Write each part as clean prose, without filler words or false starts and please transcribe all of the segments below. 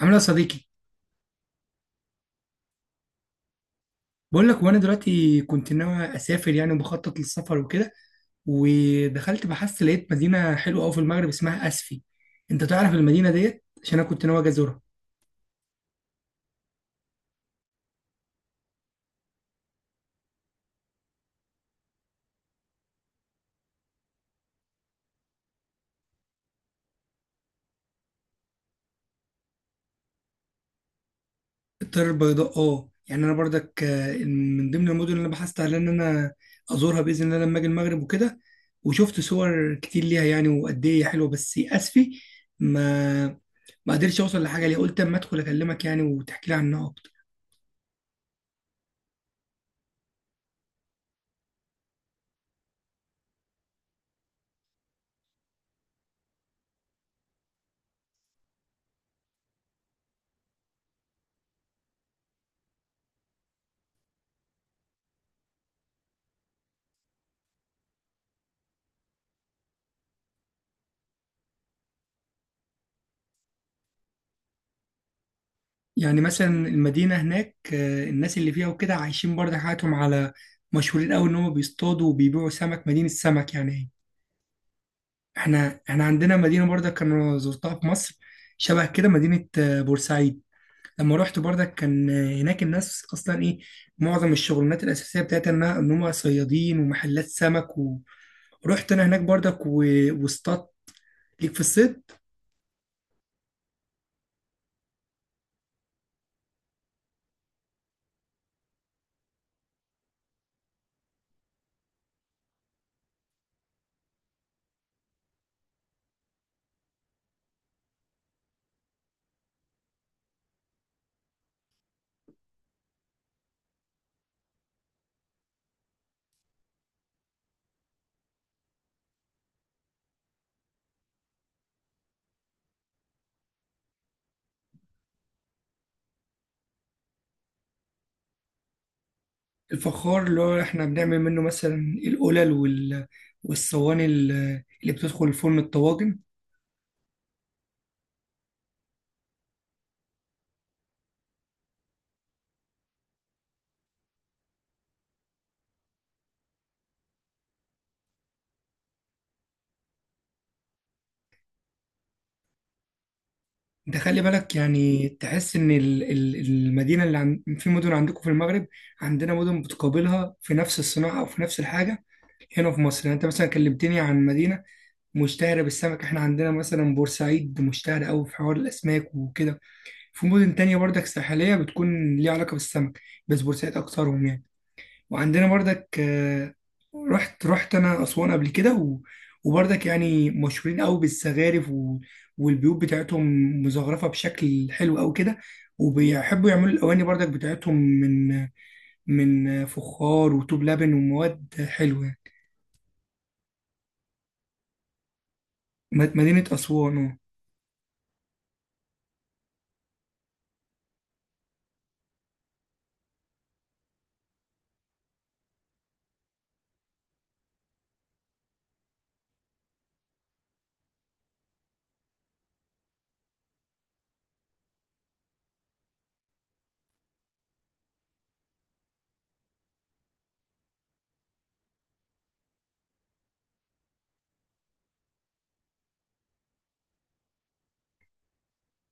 عامل ايه يا صديقي؟ بقول لك، وانا دلوقتي كنت ناوي اسافر يعني وبخطط للسفر وكده. ودخلت بحثت لقيت مدينه حلوه قوي في المغرب اسمها اسفي. انت تعرف المدينه ديت؟ عشان انا كنت ناوي أجي ازورها. الدار البيضاء، اه، يعني انا برضك من ضمن المدن اللي أنا بحثت على ان انا ازورها باذن الله لما اجي المغرب وكده. وشفت صور كتير ليها يعني وقد ايه هي حلوه، بس اسفي ما ما قدرتش اوصل لحاجه ليها، قلت اما ادخل اكلمك يعني وتحكي لي عنها أكتر. يعني مثلا المدينة هناك، الناس اللي فيها وكده عايشين برضه حياتهم على، مشهورين قوي إن هم بيصطادوا وبيبيعوا سمك، مدينة سمك يعني. إحنا عندنا مدينة برضه كان زرتها في مصر شبه كده، مدينة بورسعيد. لما رحت برضه كان، هناك الناس أصلا إيه، معظم الشغلانات الأساسية بتاعتها إنها إن هم صيادين ومحلات سمك. ورحت أنا هناك برضك واصطادت ليك في الصيد؟ الفخار اللي هو احنا بنعمل منه مثلا القلل والصواني اللي بتدخل الفرن، الطواجن. انت خلي بالك يعني تحس ان المدينه اللي في مدن عندكم في المغرب عندنا مدن بتقابلها في نفس الصناعه او في نفس الحاجه. هنا في مصر يعني انت مثلا كلمتني عن مدينه مشتهره بالسمك، احنا عندنا مثلا بورسعيد مشتهره قوي في حوار الاسماك وكده. في مدن تانية برضك ساحليه بتكون ليها علاقه بالسمك، بس بورسعيد اكترهم يعني. وعندنا بردك، رحت انا اسوان قبل كده وبردك يعني مشهورين قوي بالزخارف والبيوت بتاعتهم مزخرفه بشكل حلو قوي كده، وبيحبوا يعملوا الاواني بردك بتاعتهم من فخار وطوب لبن ومواد حلوه. مدينه اسوان.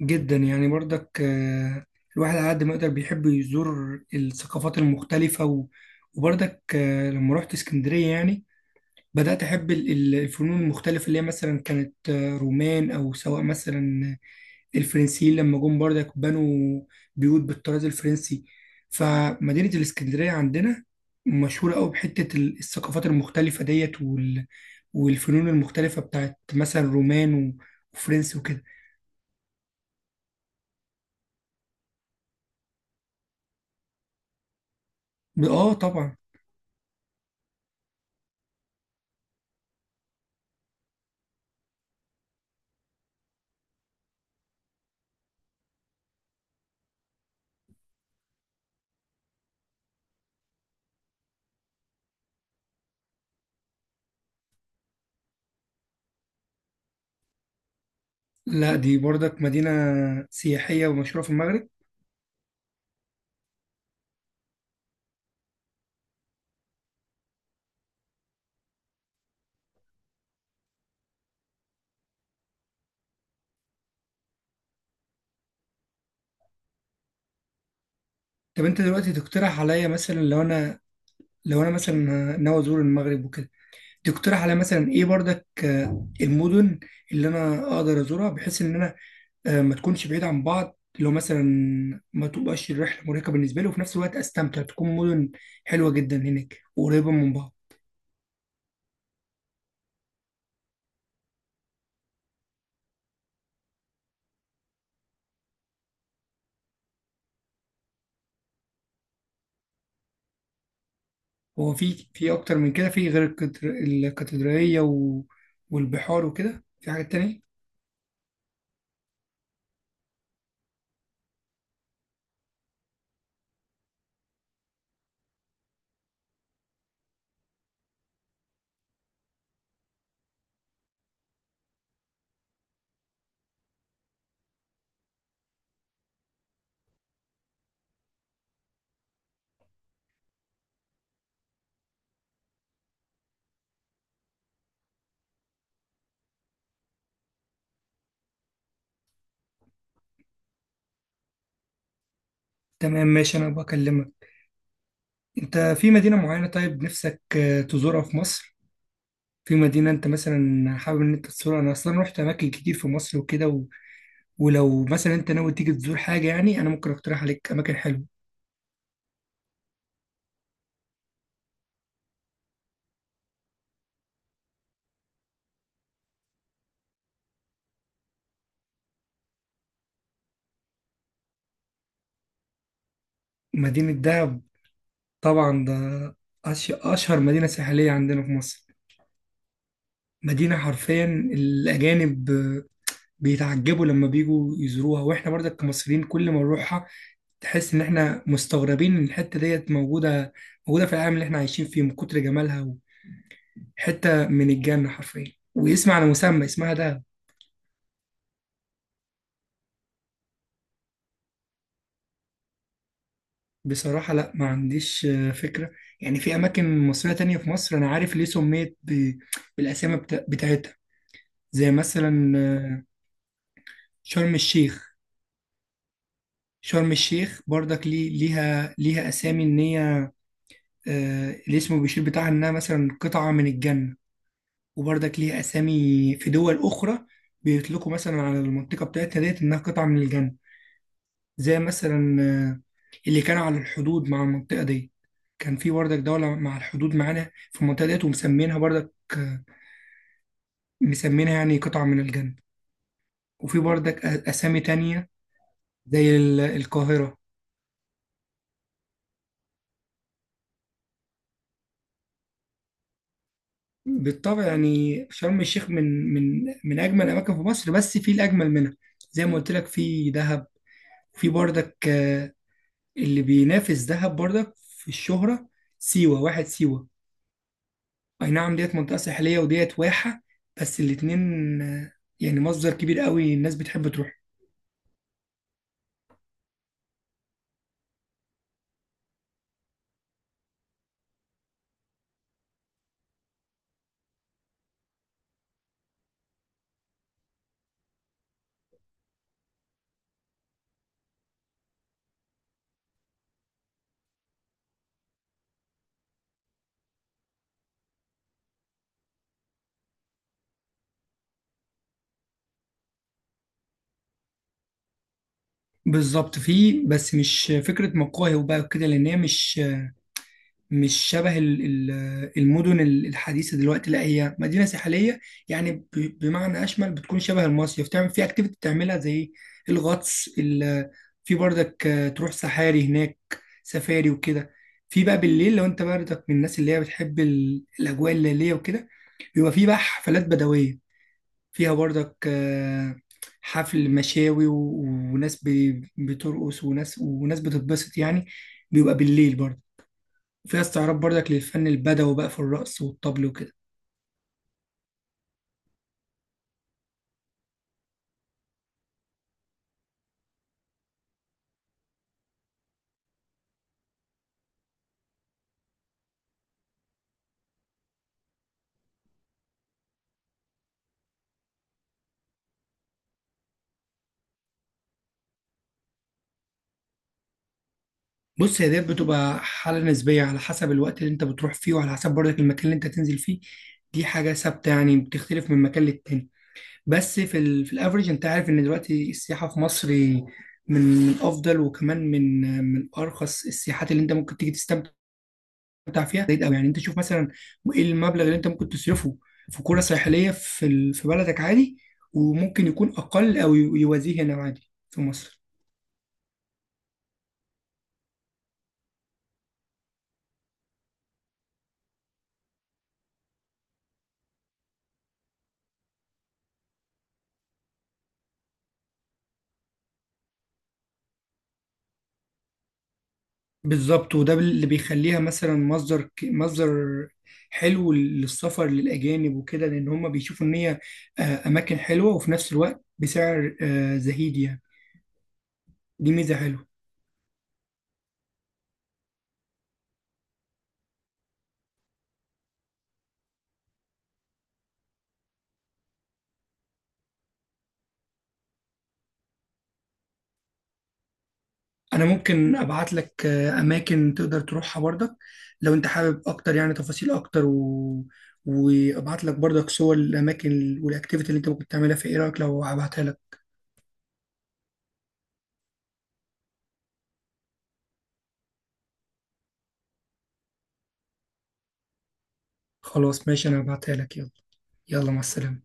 جدا، يعني بردك، الواحد على قد ما يقدر بيحب يزور الثقافات المختلفه وبردك، لما رحت اسكندريه يعني بدأت أحب الفنون المختلفة اللي هي مثلا كانت رومان، أو سواء مثلا الفرنسيين لما جم برضك بنوا بيوت بالطراز الفرنسي. فمدينة الإسكندرية عندنا مشهورة أوي بحتة الثقافات المختلفة ديت والفنون المختلفة بتاعت مثلا رومان وفرنسي وكده. آه، طبعا. لا، دي برضك مدينة سياحية ومشهورة في المغرب. طب أنت دلوقتي تقترح عليا مثلا، لو أنا مثلا ناوي أزور المغرب وكده، تقترح على مثلا ايه برضك، المدن اللي انا اقدر ازورها بحيث ان انا، ما تكونش بعيدة عن بعض، لو مثلا ما تبقاش الرحلة مرهقة بالنسبة لي، وفي نفس الوقت استمتع، تكون مدن حلوة جدا هناك وقريبة من بعض. هو في، اكتر من كده؟ في غير الكاتدرائية والبحار وكده، في حاجة تانية؟ تمام، ماشي، انا بكلمك. انت في مدينة معينة طيب نفسك، تزورها في مصر؟ في مدينة انت مثلا حابب ان انت تزورها؟ انا اصلا رحت اماكن كتير في مصر وكده، ولو مثلا انت ناوي تيجي تزور حاجة يعني، انا ممكن اقترح عليك اماكن حلوة. مدينة دهب. طبعا، ده اشهر مدينة ساحلية عندنا في مصر. مدينة حرفيا الاجانب بيتعجبوا لما بيجوا يزوروها، واحنا برضك كمصريين كل ما نروحها تحس ان احنا مستغربين ان الحتة ديت موجودة، في العالم اللي احنا عايشين فيه، من كتر جمالها. حتة من الجنة حرفيا، واسم على مسمى، اسمها دهب. بصراحة لا، ما عنديش، فكرة. يعني في أماكن مصرية تانية في مصر أنا عارف ليه سميت بالأسامي بتاعتها، زي مثلا، شرم الشيخ. شرم الشيخ برضك ليه؟ ليها أسامي إن هي، الاسم بيشير بتاعها إنها مثلا قطعة من الجنة. وبرضك ليها أسامي في دول أخرى، بيطلقوا مثلا على المنطقة بتاعتنا ديت إنها قطعة من الجنة، زي مثلا، اللي كانوا على الحدود مع المنطقة دي. كان في بردك دولة مع الحدود معانا في المنطقة ديت ومسمينها بردك، مسمينها يعني قطعة من الجنة. وفي بردك أسامي تانية، زي القاهرة. بالطبع يعني شرم الشيخ من، أجمل الأماكن في مصر، بس في الأجمل منها، زي ما قلت لك، في دهب. في بردك، اللي بينافس دهب بردك في الشهرة، سيوة. واحد سيوة. اي نعم، ديت منطقة ساحلية وديت واحة، بس الاتنين، يعني مصدر كبير قوي الناس بتحب تروح. بالظبط، فيه، بس مش فكرة مقاهي وبقى كده، لأن هي مش، شبه المدن الحديثة دلوقتي. لا، هي مدينة ساحلية يعني بمعنى أشمل، بتكون شبه المصيف، تعمل في أكتيفيتي بتعملها زي الغطس، في برضك، تروح سحاري هناك، سفاري وكده. في بقى بالليل، لو أنت برضك من الناس اللي هي بتحب الأجواء الليلية وكده، بيبقى في بقى حفلات بدوية فيها برضك، حفل مشاوي وناس بترقص، وناس بتتبسط يعني. بيبقى بالليل برضه، وفيها استعراض برضك للفن البدوي بقى، في الرقص والطبل وكده. بص، هي ديت بتبقى حالة نسبية على حسب الوقت اللي انت بتروح فيه، وعلى حسب برضك المكان اللي انت تنزل فيه. دي حاجة ثابتة يعني، بتختلف من مكان للتاني. بس في في الافريج، انت عارف ان دلوقتي السياحة في مصر من، افضل، وكمان من ارخص السياحات اللي انت ممكن تيجي تستمتع فيها، زي أوي يعني. انت شوف مثلا ايه المبلغ اللي انت ممكن تصرفه في قرى ساحلية في في بلدك عادي، وممكن يكون اقل او يوازيه هنا عادي في مصر. بالظبط، وده اللي بيخليها مثلا مصدر حلو للسفر للأجانب وكده، لأن هم بيشوفوا إن هي، أماكن حلوة وفي نفس الوقت بسعر، زهيد يعني. دي ميزة حلوة. أنا ممكن أبعت لك، أماكن تقدر تروحها برضك لو أنت حابب أكتر يعني تفاصيل أكتر وأبعت لك برضك صور الأماكن والأكتيفيتي اللي أنت ممكن تعملها في. إيه رأيك لو أبعتها لك؟ خلاص ماشي، أنا هبعتها لك. يلا، يلا، مع السلامة.